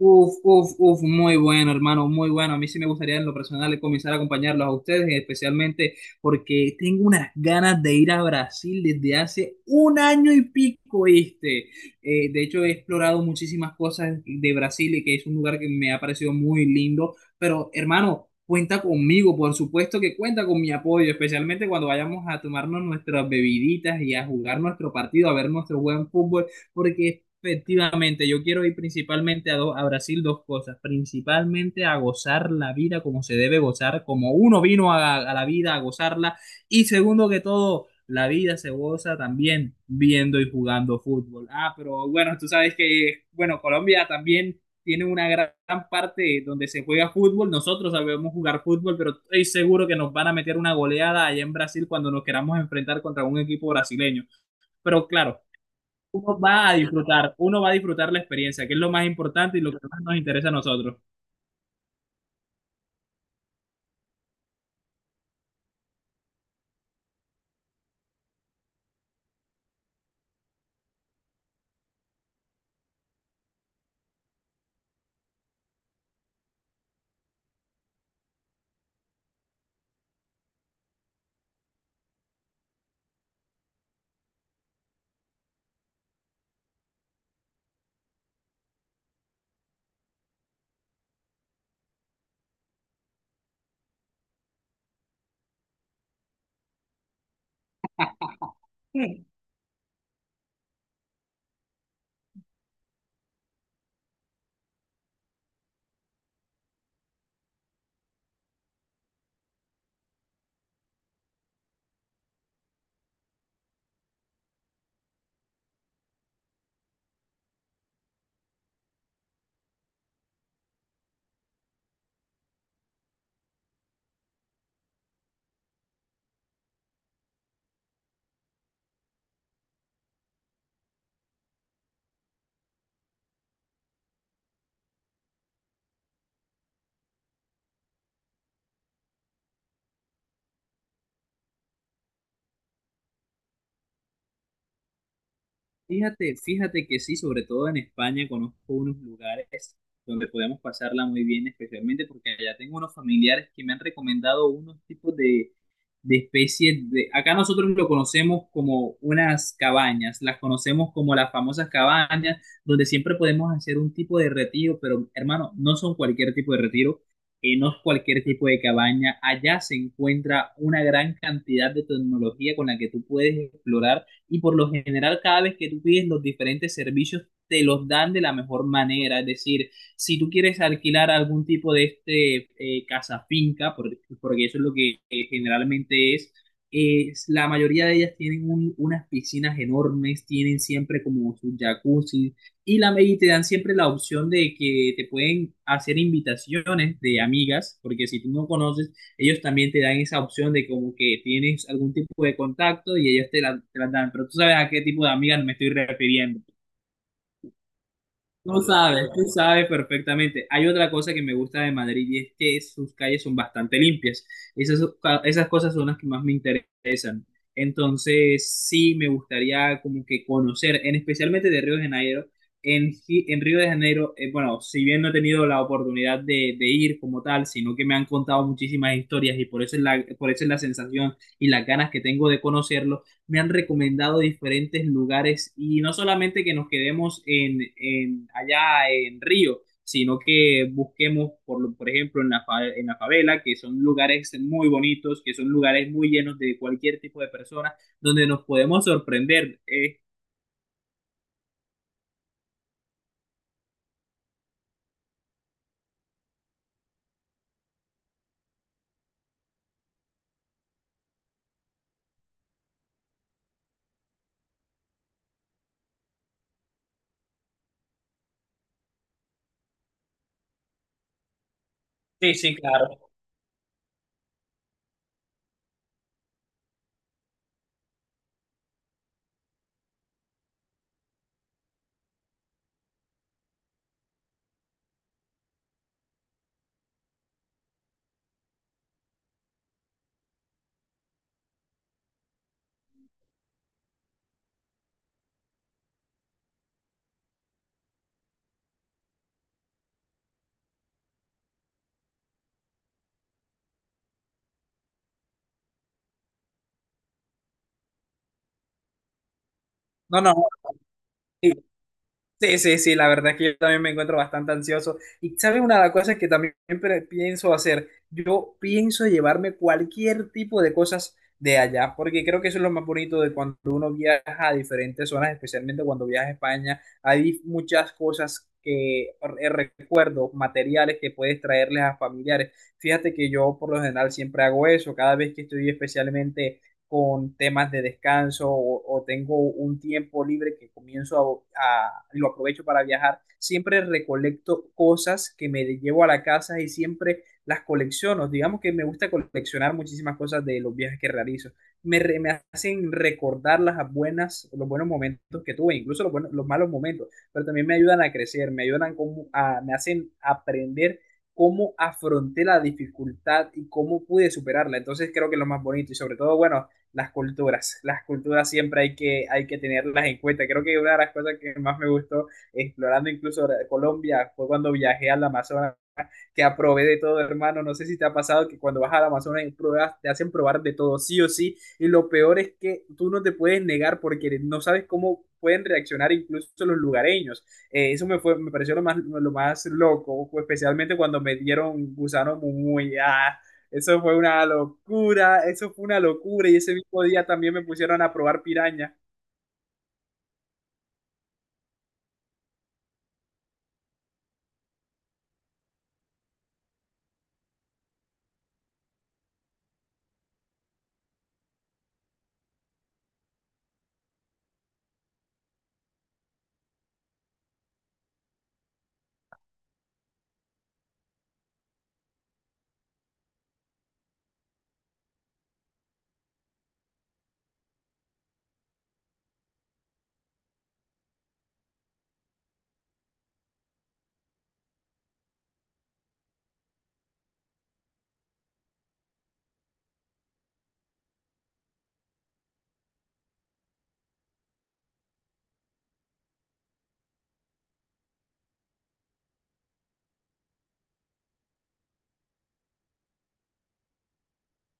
Uf, uf, uf, muy bueno, hermano, muy bueno. A mí sí me gustaría en lo personal comenzar a acompañarlos a ustedes, especialmente porque tengo unas ganas de ir a Brasil desde hace un año y pico, ¿viste? De hecho, he explorado muchísimas cosas de Brasil y que es un lugar que me ha parecido muy lindo. Pero, hermano, cuenta conmigo, por supuesto que cuenta con mi apoyo, especialmente cuando vayamos a tomarnos nuestras bebiditas y a jugar nuestro partido, a ver nuestro buen fútbol porque efectivamente, yo quiero ir principalmente a, a Brasil dos cosas, principalmente a gozar la vida como se debe gozar, como uno vino a la vida a gozarla, y segundo que todo, la vida se goza también viendo y jugando fútbol. Ah, pero bueno, tú sabes que, bueno, Colombia también tiene una gran gran parte donde se juega fútbol, nosotros sabemos jugar fútbol, pero estoy seguro que nos van a meter una goleada allá en Brasil cuando nos queramos enfrentar contra un equipo brasileño. Pero claro, uno va a disfrutar, uno va a disfrutar la experiencia, que es lo más importante y lo que más nos interesa a nosotros. Sí. Fíjate, fíjate que sí, sobre todo en España conozco unos lugares donde podemos pasarla muy bien, especialmente porque allá tengo unos familiares que me han recomendado unos tipos de especie de... Acá nosotros lo conocemos como unas cabañas, las conocemos como las famosas cabañas, donde siempre podemos hacer un tipo de retiro, pero hermano, no son cualquier tipo de retiro, no es cualquier tipo de cabaña. Allá se encuentra una gran cantidad de tecnología con la que tú puedes explorar, y por lo general cada vez que tú pides los diferentes servicios te los dan de la mejor manera, es decir, si tú quieres alquilar algún tipo de casa finca, porque eso es lo que generalmente es, la mayoría de ellas tienen unas piscinas enormes, tienen siempre como sus jacuzzi y, la, y te dan siempre la opción de que te pueden hacer invitaciones de amigas, porque si tú no conoces, ellos también te dan esa opción de como que tienes algún tipo de contacto y ellos te la dan, pero tú sabes a qué tipo de amigas me estoy refiriendo. Tú sabes perfectamente. Hay otra cosa que me gusta de Madrid y es que sus calles son bastante limpias. Esas, esas cosas son las que más me interesan. Entonces, sí me gustaría como que conocer, en, especialmente de Río de Janeiro. En, en Río de Janeiro, bueno, si bien no he tenido la oportunidad de ir como tal, sino que me han contado muchísimas historias y por eso es la, por eso es la sensación y las ganas que tengo de conocerlo. Me han recomendado diferentes lugares y no solamente que nos quedemos en allá en Río, sino que busquemos, por, por ejemplo, en la, en la favela, que son lugares muy bonitos, que son lugares muy llenos de cualquier tipo de personas, donde nos podemos sorprender. Sí, sí, claro. No, no, sí, sí, sí, la verdad es que yo también me encuentro bastante ansioso. Y sabes una de las cosas que también pienso hacer, yo pienso llevarme cualquier tipo de cosas de allá, porque creo que eso es lo más bonito de cuando uno viaja a diferentes zonas, especialmente cuando viaja a España, hay muchas cosas que recuerdo, materiales que puedes traerles a familiares. Fíjate que yo por lo general siempre hago eso, cada vez que estoy especialmente con temas de descanso o tengo un tiempo libre que comienzo a, lo aprovecho para viajar, siempre recolecto cosas que me llevo a la casa y siempre las colecciono. Digamos que me gusta coleccionar muchísimas cosas de los viajes que realizo. Me, me hacen recordar las buenas, los buenos momentos que tuve, incluso los, los malos momentos, pero también me ayudan a crecer, me ayudan como a, me hacen aprender cómo afronté la dificultad y cómo pude superarla. Entonces creo que es lo más bonito, y sobre todo, bueno, las culturas. Las culturas siempre hay que tenerlas en cuenta. Creo que una de las cosas que más me gustó explorando incluso Colombia fue cuando viajé al Amazonas, que aprobé de todo, hermano. No sé si te ha pasado que cuando vas al Amazonas y pruebas, te hacen probar de todo, sí o sí. Y lo peor es que tú no te puedes negar porque no sabes cómo pueden reaccionar incluso los lugareños. Eso me, fue, me pareció lo más loco, especialmente cuando me dieron gusano muy... Ah, eso fue una locura, eso fue una locura. Y ese mismo día también me pusieron a probar piraña.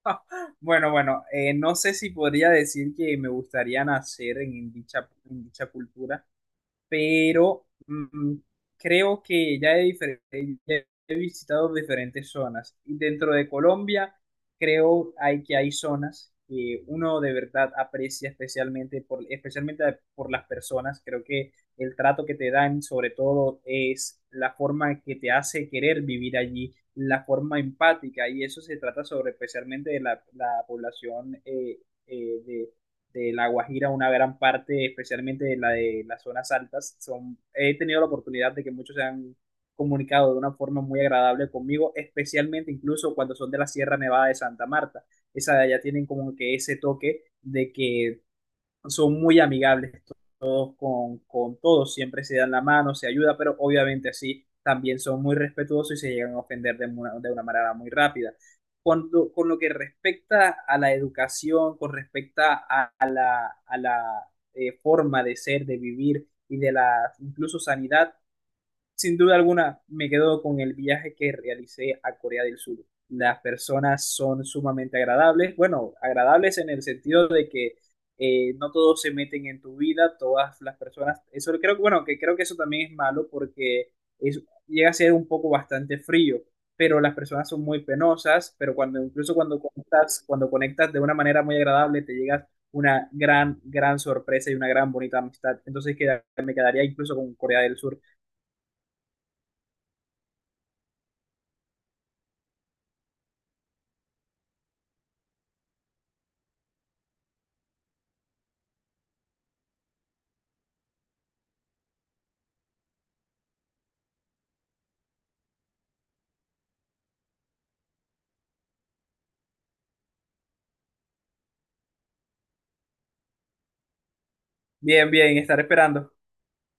Bueno, bueno, no sé si podría decir que me gustaría nacer en dicha cultura, pero creo que ya he, ya he visitado diferentes zonas. Y dentro de Colombia, creo hay, que hay zonas que uno de verdad aprecia especialmente por, especialmente por las personas. Creo que el trato que te dan, sobre todo, es la forma que te hace querer vivir allí, la forma empática. Y eso se trata sobre especialmente de la, la población eh, de de La Guajira, una gran parte, especialmente de la de las zonas altas. Son, he tenido la oportunidad de que muchos se han comunicado de una forma muy agradable conmigo, especialmente incluso cuando son de la Sierra Nevada de Santa Marta. Esa de allá tienen como que ese toque de que son muy amigables todos con todos, siempre se dan la mano, se ayuda, pero obviamente así también son muy respetuosos y se llegan a ofender de una manera muy rápida. Con lo que respecta a la educación, con respecto a la forma de ser, de vivir y de la incluso sanidad, sin duda alguna, me quedo con el viaje que realicé a Corea del Sur. Las personas son sumamente agradables, bueno, agradables en el sentido de que no todos se meten en tu vida, todas las personas, eso creo que, bueno, que creo que eso también es malo porque es, llega a ser un poco bastante frío, pero las personas son muy penosas, pero cuando, incluso cuando conectas de una manera muy agradable, te llegas una gran, gran sorpresa y una gran bonita amistad. Entonces me quedaría incluso con Corea del Sur. Bien, bien, estaré esperando.